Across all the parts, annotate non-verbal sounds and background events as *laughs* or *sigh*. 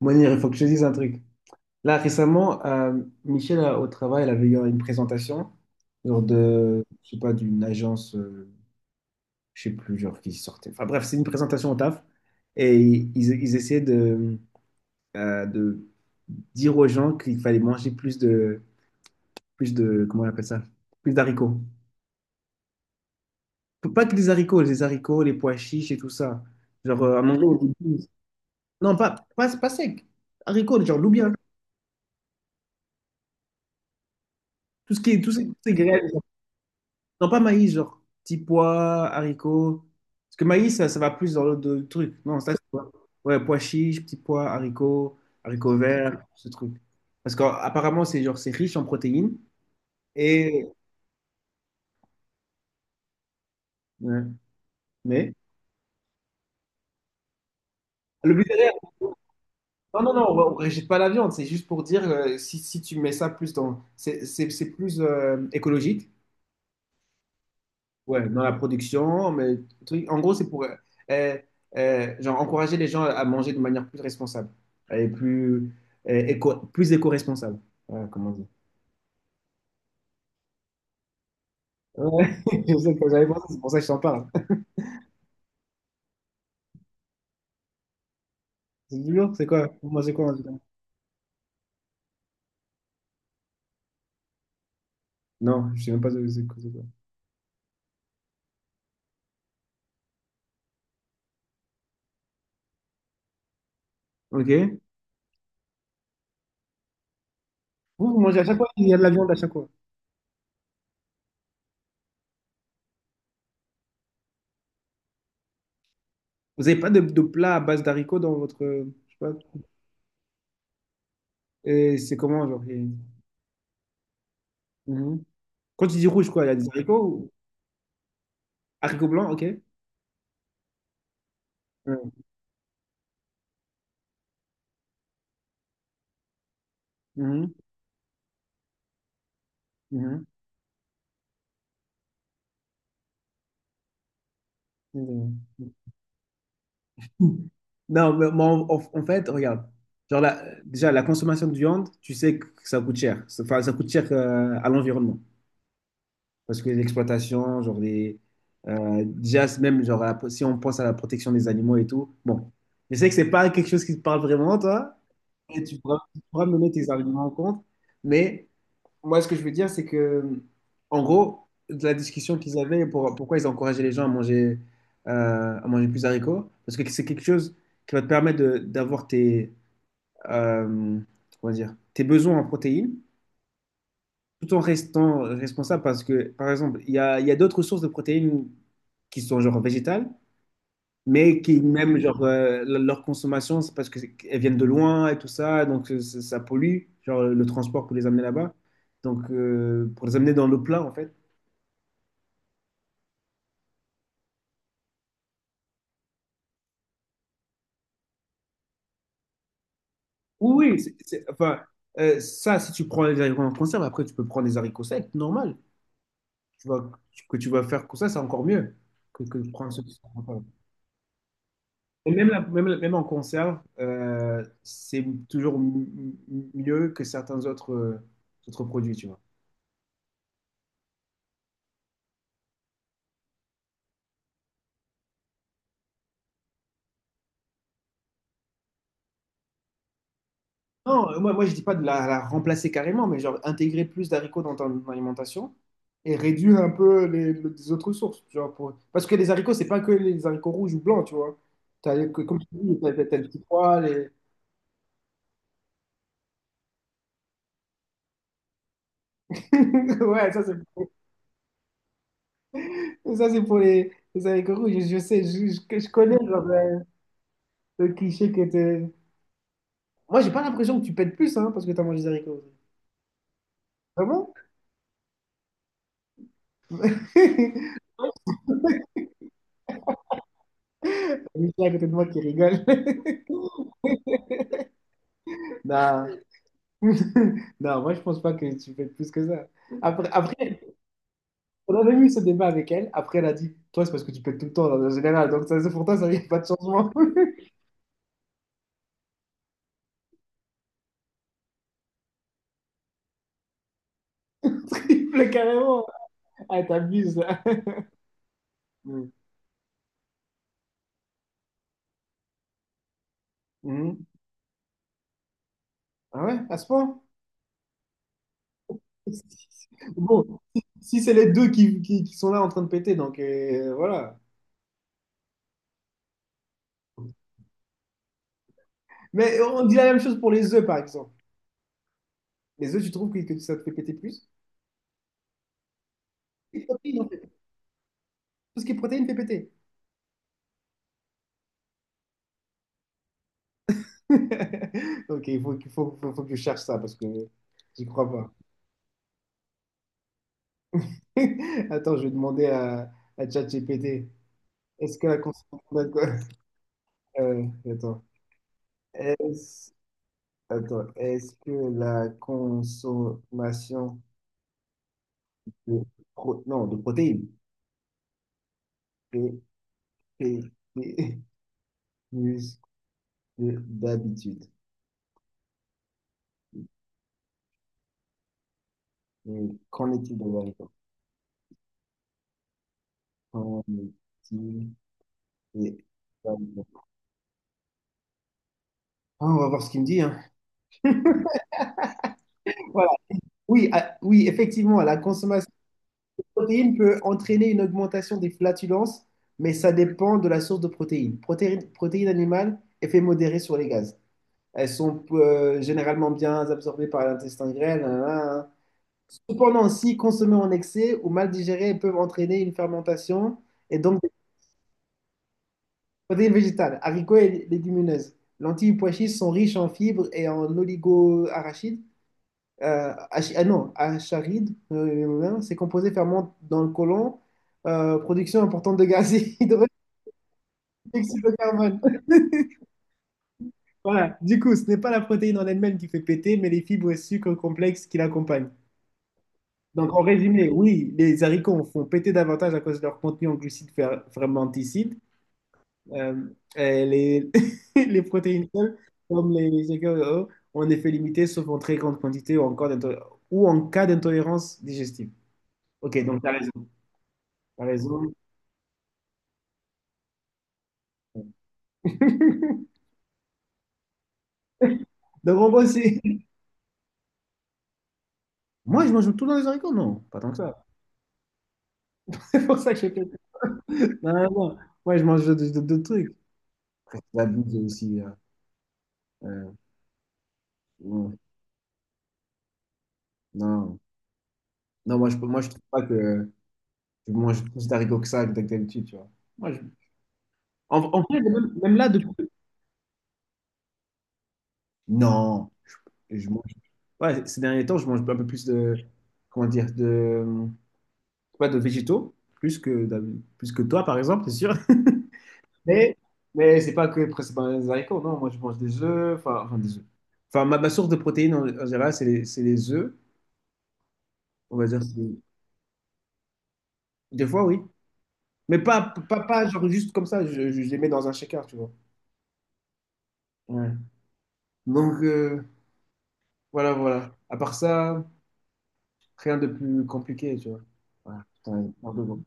Mounir, il faut que je te dise un truc. Là, récemment, Michel, au travail, elle avait eu une présentation, genre de, je sais pas, d'une agence, je sais plus, genre qui sortait. Enfin bref, c'est une présentation au taf. Et ils essayaient de, de dire aux gens qu'il fallait manger plus de, comment on appelle ça? Plus d'haricots. Pas que des haricots, les pois chiches et tout ça. Genre, à manger au début. Non, pas sec. Haricots, genre, l'oubien. Tout ce qui est, tout ce qui est. Non, pas maïs, genre petits pois, haricots. Parce que maïs, ça va plus dans truc. Non, ça, c'est quoi? Ouais, pois chiches, petits pois, haricots, haricots verts, ce truc. Parce qu'apparemment, c'est genre, c'est riche en protéines. Et. Ouais. Mais. Le but derrière. Non, non, non, on ne rejette pas la viande. C'est juste pour dire, si, tu mets ça plus dans. C'est plus écologique. Ouais, dans la production, mais en gros, c'est pour genre encourager les gens à manger de manière plus responsable et plus plus éco-responsable. Voilà, comment dire? Ouais, *laughs* je sais que j'avais pensé, c'est pour ça que je t'en parle. C'est du lourd, c'est quoi? Vous mangez quoi en général? Non, je sais même pas ce que c'est quoi. Ok. Vous, vous mangez à chaque fois, il y a de la viande à chaque fois. Vous n'avez pas de, de plat à base d'haricots dans votre. Je sais pas. Et c'est comment, genre? Et. Mhm. Quand tu dis rouge, quoi, il y a des haricots ou... Haricots blancs, ok. Ouais. Mhm. Mhm. Non. Non, en fait, regarde. Déjà, la consommation de viande, tu sais que ça coûte cher. Enfin, ça coûte cher à l'environnement. Parce que l'exploitation, genre les. Déjà, c'est même genre, si on pense à la protection des animaux et tout. Bon, je sais que c'est pas quelque chose qui te parle vraiment, toi. Et tu pourras me donner tes arguments en compte. Mais moi, ce que je veux dire, c'est que, en gros, de la discussion qu'ils avaient, pourquoi ils encourageaient les gens à manger plus haricots, parce que c'est quelque chose qui va te permettre de- d'avoir tes, euh, comment dire, tes besoins en protéines, tout en restant responsable, parce que, par exemple, il y a d'autres sources de protéines qui sont genre végétales, mais qui, même, genre, leur consommation, c'est parce qu'elles viennent de loin et tout ça, donc ça, ça pollue, genre le transport pour les amener là-bas, donc pour les amener dans le plat, en fait. Oui, oui, enfin, ça, si tu prends les haricots en conserve, après, tu peux prendre des haricots secs, normal. Tu vas, que tu vas faire comme ça, c'est encore mieux que de prendre ceux qui sont en conserve. Et même, même, même en conserve, c'est toujours mieux que certains autres, autres produits, tu vois. Non, moi je dis pas de la, la remplacer carrément, mais genre intégrer plus d'haricots dans ton alimentation et réduire un peu les autres sources. Genre pour... Parce que les haricots, c'est pas que les haricots rouges ou blancs, tu vois. T'as, comme tu dis, t'as le petit pois, les... *laughs* Ouais, ça, c'est pour les haricots rouges. Je sais, je connais genre, le cliché que t'es... Moi, j'ai pas l'impression que tu pètes plus hein, parce que t'as mangé des haricots. Vraiment? *laughs* Michel à côté de moi qui rigole. *laughs* Non. *laughs* Non, moi, je pense pas que tu pètes plus que ça. Après, on avait eu ce débat avec elle. Après, elle a dit, toi, c'est parce que tu pètes tout le temps, en général. Donc, ça, c'est pour toi, ça n'y a pas de changement. *laughs* Triple, carrément. Ah, t'abuses là. *laughs* Mm. Mhm. Ah ouais, à ce point? *laughs* Bon, si si c'est les deux qui sont là en train de péter, donc voilà. Mais on dit la même chose pour les œufs, par exemple. Les œufs, tu trouves que ça te fait péter plus? Les protéines, en fait. Tout ce qui est protéines fait péter. *laughs* Ok, il faut, qu'il faut, faut- faut que je cherche ça parce que j'y crois pas. *laughs* Attends, je vais demander à ChatGPT. Est-ce que la consommation d'alcool... *laughs* Euh, attends. Est-ce... Attends, est-ce que la consommation de, non, de protéines est est- est plus que *laughs* d'habitude? Et qu'en est-il de la vérité? Qu'en est-il de la vérité? Ah, on va voir ce qu'il me dit, hein. *laughs* Voilà. Oui, ah, oui, effectivement, la consommation protéine peut entraîner une augmentation des flatulences, mais ça dépend de la source de protéines. Protéines, protéines animales, effet modéré sur les gaz. Elles sont généralement bien absorbées par l'intestin grêle. Nan, nan, nan. Hein. Cependant, si consommées en excès ou mal digérées, elles peuvent entraîner une fermentation et donc des protéines végétales, haricots et légumineuses. Lentilles et pois chiches sont riches en fibres et en oligo-arachides. Ah non, acharide, c'est composé ferment dans le côlon, production importante de gaz et *laughs* hydroxyde de carbone. *laughs* Voilà, du coup, ce n'est pas la protéine en elle-même qui fait péter, mais les fibres et sucres complexes qui l'accompagnent. Donc, en résumé, oui, les haricots font péter davantage à cause de leur contenu en glucides fermenticides. Euh, et les, *laughs* les protéines seules, comme les GKE, ont un effet limité, sauf en très grande quantité ou, encore ou en cas d'intolérance digestive. Ok, donc tu as raison. T'as raison. Donc, moi, c'est... Moi, je mange tout dans les haricots, non? Pas tant que ça. *laughs* C'est pour ça que je fais... Non, non, non. Moi, je mange d'autres trucs. Après, c'est la bite aussi là. Euh, non, non. Non, moi, moi, je trouve pas que je mange plus d'haricots que ça que d'habitude, tu vois. Moi, je... en fait, même, même là, depuis... Non. Je mange... Ouais, ces derniers temps, je mange un peu plus de... Comment dire? De... Pas de végétaux. Plus que toi, par exemple, c'est sûr. Mais, mais c'est pas que principalement les haricots, non. Moi, je mange des œufs, enfin, des œufs. Enfin, ma source de protéines en général, c'est c'est les œufs, on va dire. Des fois, oui. Mais pas genre juste comme ça, je les mets dans un shaker, tu vois. Ouais. Donc, voilà, voilà. À part ça, rien de plus compliqué, tu vois. Voilà, putain, il parle de bon.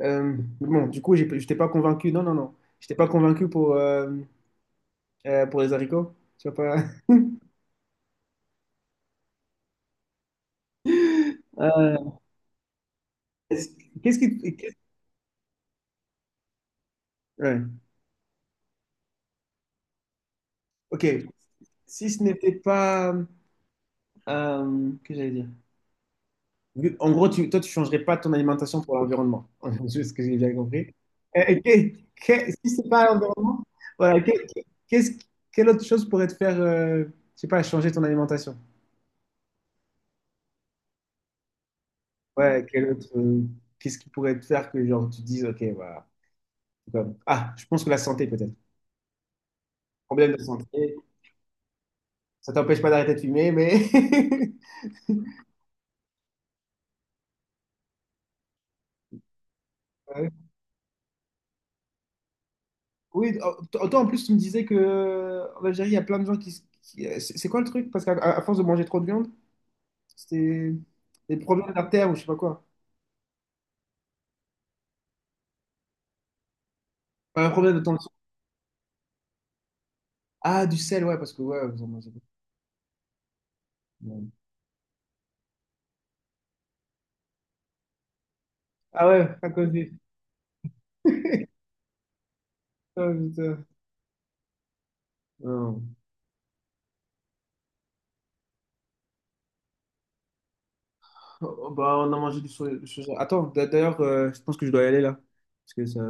Bon, du coup, je t'ai pas convaincu. Non, non, non. Je t'ai pas convaincu pour les haricots. Tu vois pas. *laughs* Euh, qu'est-ce qui. Ouais. Ok. Si ce n'était pas. Que j'allais dire? En gros, toi, tu changerais pas ton alimentation pour l'environnement. *laughs* C'est ce que j'ai bien compris. Et si c'est pas l'environnement, voilà, qu'est-ce, quelle autre chose pourrait te faire, je sais pas, changer ton alimentation? Ouais, quel autre, qu'est-ce qui pourrait te faire que genre, tu te dises, ok, voilà. Ah, je pense que la santé peut-être. Problème de santé, ça t'empêche pas d'arrêter de fumer, mais. *laughs* Oui, toi en plus tu me disais que en Algérie il y a plein de gens qui, c'est quoi le truc? Parce qu'à à force de manger trop de viande, c'était des problèmes d'artère ou je sais pas quoi. Pas un problème de tension. Ah, du sel, ouais, parce que ouais, vous en mangez beaucoup. Ouais. Ah ouais, à cause du. Oh, putain. Non. Oh, bah, on a mangé du soja. Attends, d'ailleurs, je pense que je dois y aller là. Parce que ça.